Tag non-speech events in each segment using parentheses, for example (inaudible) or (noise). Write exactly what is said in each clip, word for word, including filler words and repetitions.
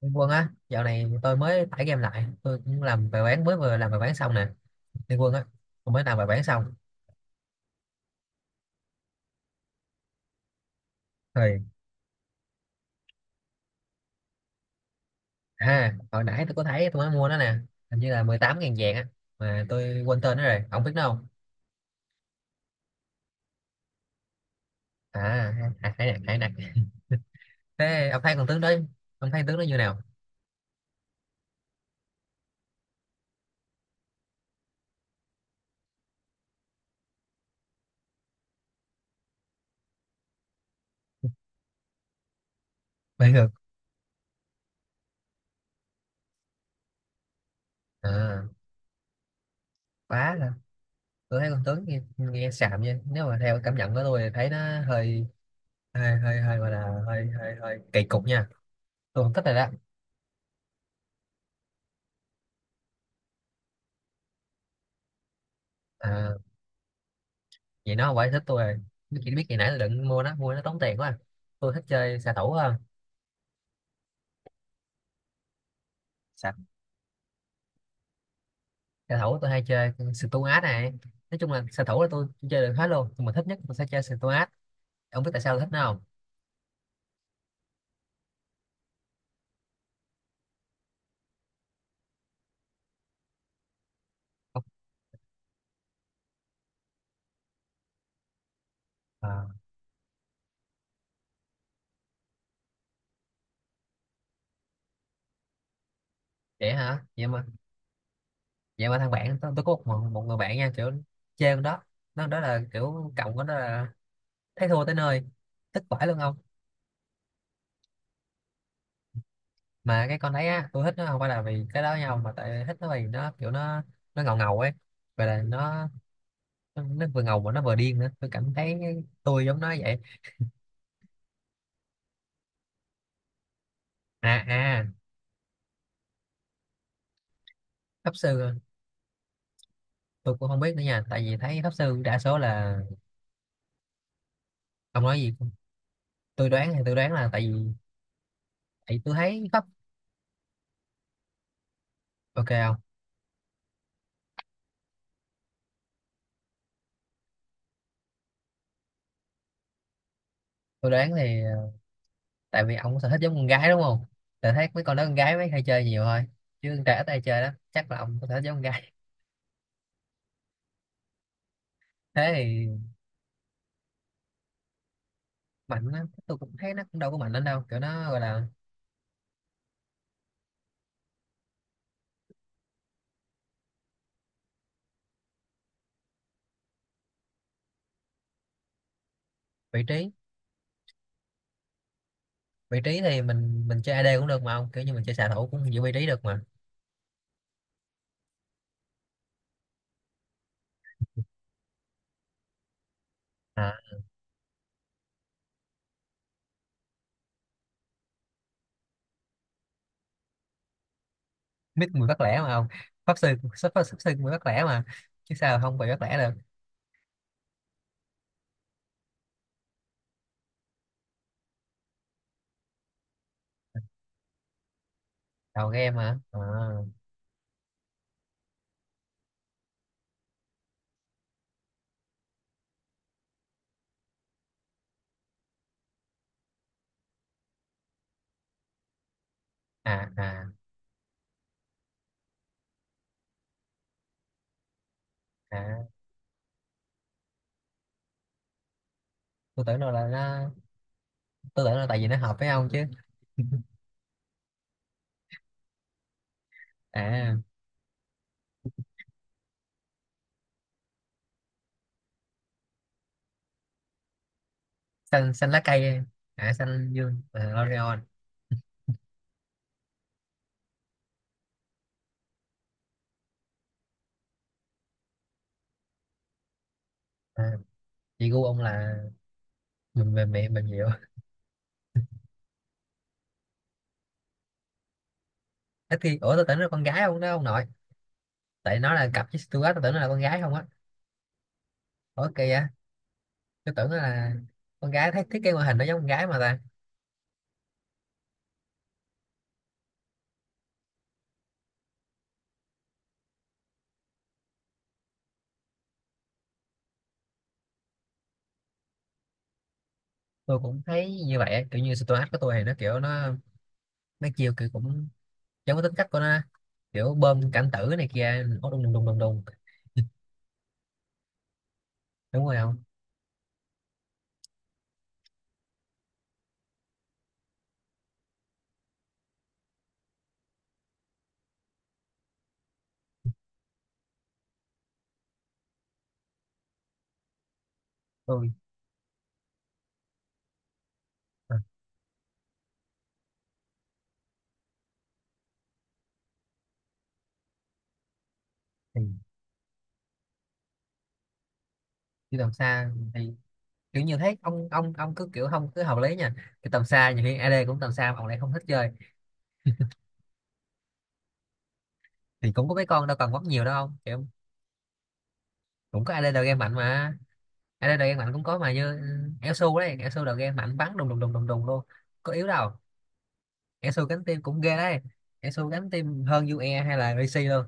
Liên Quân á, dạo này tôi mới tải game lại, tôi cũng làm bài bán mới vừa làm bài bán xong nè, Liên Quân á, tôi mới làm bài bán xong. Rồi, à, hồi nãy tôi có thấy tôi mới mua nó nè, hình như là mười tám nghìn vàng á, mà tôi quên tên nó rồi, ông biết nó không? À, hãy nè, hãy nè. Thế ông thấy con tướng đó, ông thấy tướng đó như nào? Bây giờ, à, quá là, tôi thấy con tướng nghe, nghe xàm nha, nếu mà theo cảm nhận của tôi thì thấy nó hơi, hơi, hơi, hơi gọi là hơi, hơi, hơi kỳ cục nha, tôi không thích rồi đó. À, vậy nó quả thích tôi rồi. Biết biết ngày nãy tôi định mua nó mua nó tốn tiền quá à. Tôi thích chơi xạ thủ hơn. Sao? Xạ thủ tôi hay chơi Stuart này. Nói chung là xạ thủ là tôi chơi được hết luôn, nhưng mà thích nhất tôi sẽ chơi Stuart. Ông biết tại sao tôi thích nó không? Không. Ờ, vậy hả, vậy mà vậy mà thằng bạn tôi, tôi có một, một người bạn nha, kiểu chơi con đó, nó đó là kiểu cộng con đó là thấy thua tới nơi, thích vãi luôn không. Mà cái con đấy á, tôi thích nó không phải là vì cái đó nhau, mà tại thích nó vì nó kiểu nó nó ngầu ngầu ấy, và là nó, nó, nó vừa ngầu mà nó vừa điên nữa, tôi cảm thấy tôi giống nó vậy. À à, pháp sư tôi cũng không biết nữa nha, tại vì thấy pháp sư đa số là. Ông nói gì? Tôi đoán thì tôi đoán là tại vì tại tôi thấy pháp. Ok không? Tôi đoán thì ờ, tại vì ông sở thích giống con gái đúng không? Tôi thấy mấy con đó con gái mới hay chơi nhiều thôi, chứ con trai ít hay chơi đó, chắc là ông có sở thích giống con gái. (laughs) Thế thì mạnh á, tôi cũng thấy nó cũng đâu có mạnh lắm đâu, kiểu nó gọi là vị trí. Vị trí thì mình mình chơi A D cũng được mà ông, kiểu như mình chơi xạ thủ cũng giữ vị trí được mà. À, mít mùi bắt lẻ mà không. Pháp sư, pháp, pháp, pháp sư mùi bắt lẻ mà, chứ sao không bị bắt lẻ được. Đầu game mà à. À à, à. Tôi tưởng đâu là nó, tôi tưởng là tại vì nó hợp với ông chứ. (laughs) À xanh xanh lá cây. À xanh dương à, L'Oreal. À, chị gu ông là mềm mềm mềm mềm dịu. Ít khi ủa, tôi tưởng nó là con gái ông, đó ông nội. Tại nó là cặp với Stuart tôi tưởng nó là con gái không á. Ủa kỳ vậy, tôi tưởng nó là con gái, thấy thiết kế ngoại hình nó giống con gái mà ta. Tôi cũng thấy như vậy á, kiểu như Stuart của tôi thì nó kiểu nó mấy chiêu kiểu cũng giống cái tính cách của nó á. Kiểu bơm cảnh tử này kia nó đùng đùng đùng đùng đùng. Đúng rồi không. Tôi à, thì đi tầm xa thì kiểu như thế, ông ông ông cứ kiểu không cứ hợp lý nha. Cái tầm xa nhiều khi A D cũng tầm xa mà ông lại không thích chơi. Thì cũng có mấy con đâu cần bóc nhiều đâu không kiểu. Cũng có A D đầu game mạnh mà. A D đầu game mạnh cũng có mà, như ừ, Elsu đấy, Elsu đầu game mạnh bắn đùng đùng đùng đùng đùng luôn, có yếu đâu. Elsu cánh tim cũng ghê đấy. Elsu cánh tim hơn u e hay là rê xê luôn.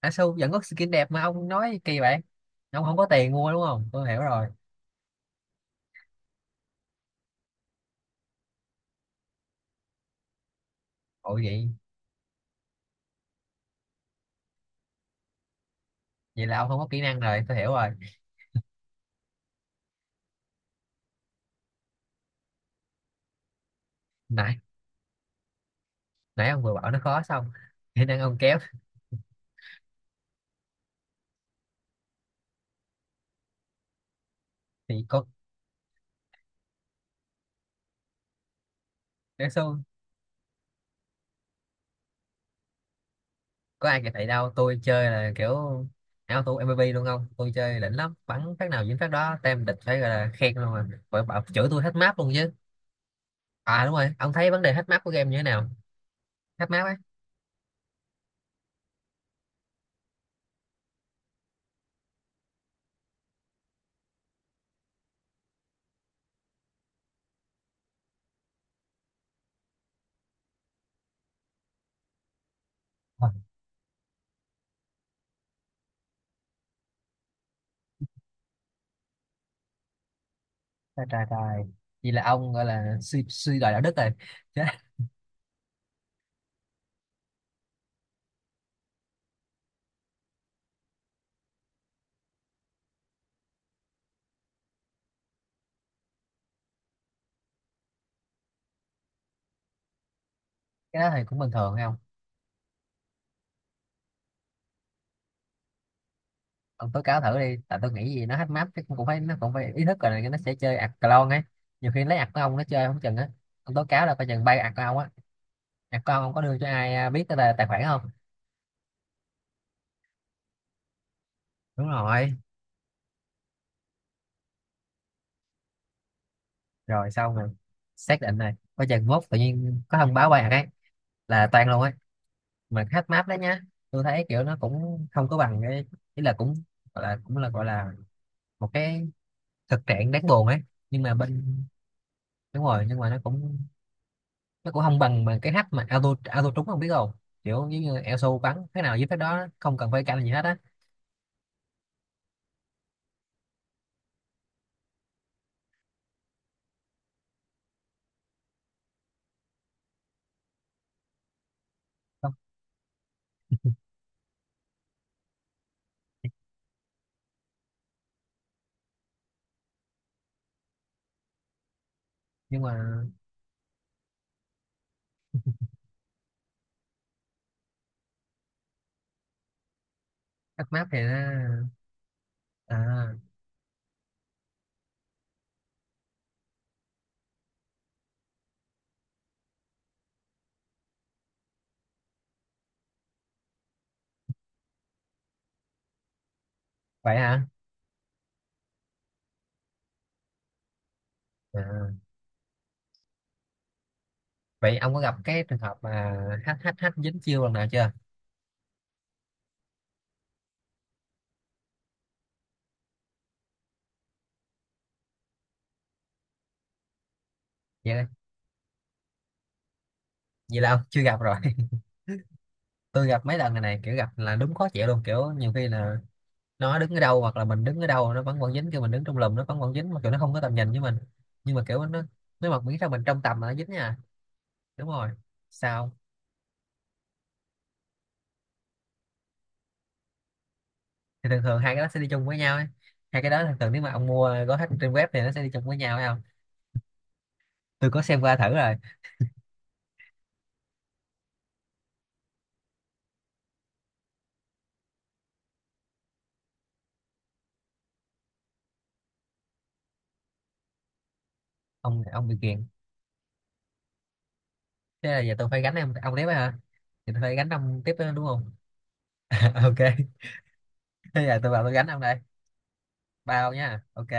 Á su vẫn có skin đẹp mà ông nói kỳ vậy, ông không có tiền mua đúng không, tôi hiểu rồi. Ủa vậy, vậy là ông không có kỹ năng rồi, tôi hiểu rồi. Nãy nãy ông vừa bảo nó khó xong, (laughs) kỹ năng ông kém. Thì có á su. Có ai kịp thầy đâu, tôi chơi là kiểu auto M V P luôn không, tôi chơi đỉnh lắm, bắn phát nào dính phát đó, tem địch phải gọi là khen luôn, mà phải bảo chửi tôi hết map luôn chứ. À đúng rồi, ông thấy vấn đề hết map của game như thế nào? Hết map á. Ờ, trời trời trời, vậy là ông gọi là suy suy đồi đạo đức rồi cái. Cái đó thì cũng bình thường thấy không. Ông tố cáo thử đi, tại tôi nghĩ gì nó hack map chứ, cũng phải nó cũng phải ý thức rồi này, nó sẽ chơi ạc clone ấy. Nhiều khi lấy ạc của ông nó chơi không chừng á. Ông tố cáo là coi chừng bay ạc của ông á. Ạc của ông ông có đưa cho ai à, biết cái tài tài khoản không? Đúng rồi. Rồi xong rồi, xác định này, coi chừng mốt tự nhiên có thông báo bay ạc ấy, là toan luôn ấy. Mà hack map đấy nhá, tôi thấy kiểu nó cũng không có bằng cái ý là cũng gọi là cũng là gọi là một cái thực trạng đáng buồn ấy, nhưng mà bên đúng rồi nhưng mà nó cũng, nó cũng không bằng bằng cái hack mà auto auto trúng không biết không, kiểu giống như E S O bắn thế nào giết cái đó không cần phải canh gì hết á. Không. (laughs) Nhưng mà hack map thì nó à. Vậy hả. À. Vậy ông có gặp cái trường hợp mà hack hack hack dính chiêu lần nào chưa? Vậy vậy là ông chưa gặp rồi. (laughs) Tôi gặp mấy lần này này, kiểu gặp là đúng khó chịu luôn, kiểu nhiều khi là nó đứng ở đâu hoặc là mình đứng ở đâu nó vẫn còn dính, kêu mình đứng trong lùm nó vẫn còn dính, mà kiểu nó không có tầm nhìn với mình, nhưng mà kiểu nó, nếu mà miễn sao mình trong tầm là nó dính nha. Đúng rồi. Sao? Thì thường thường hai cái đó sẽ đi chung với nhau ấy. Hai cái đó thường thường nếu mà ông mua gói hết trên web thì nó sẽ đi chung với nhau phải không, tôi có xem qua thử rồi. Ông ông bị kiện, thế là giờ tôi phải gánh em ông tiếp á hả, thì tôi phải gánh ông tiếp đó, đúng không. (laughs) Ok. Thế giờ tôi vào tôi gánh ông đây. Bao nha ok.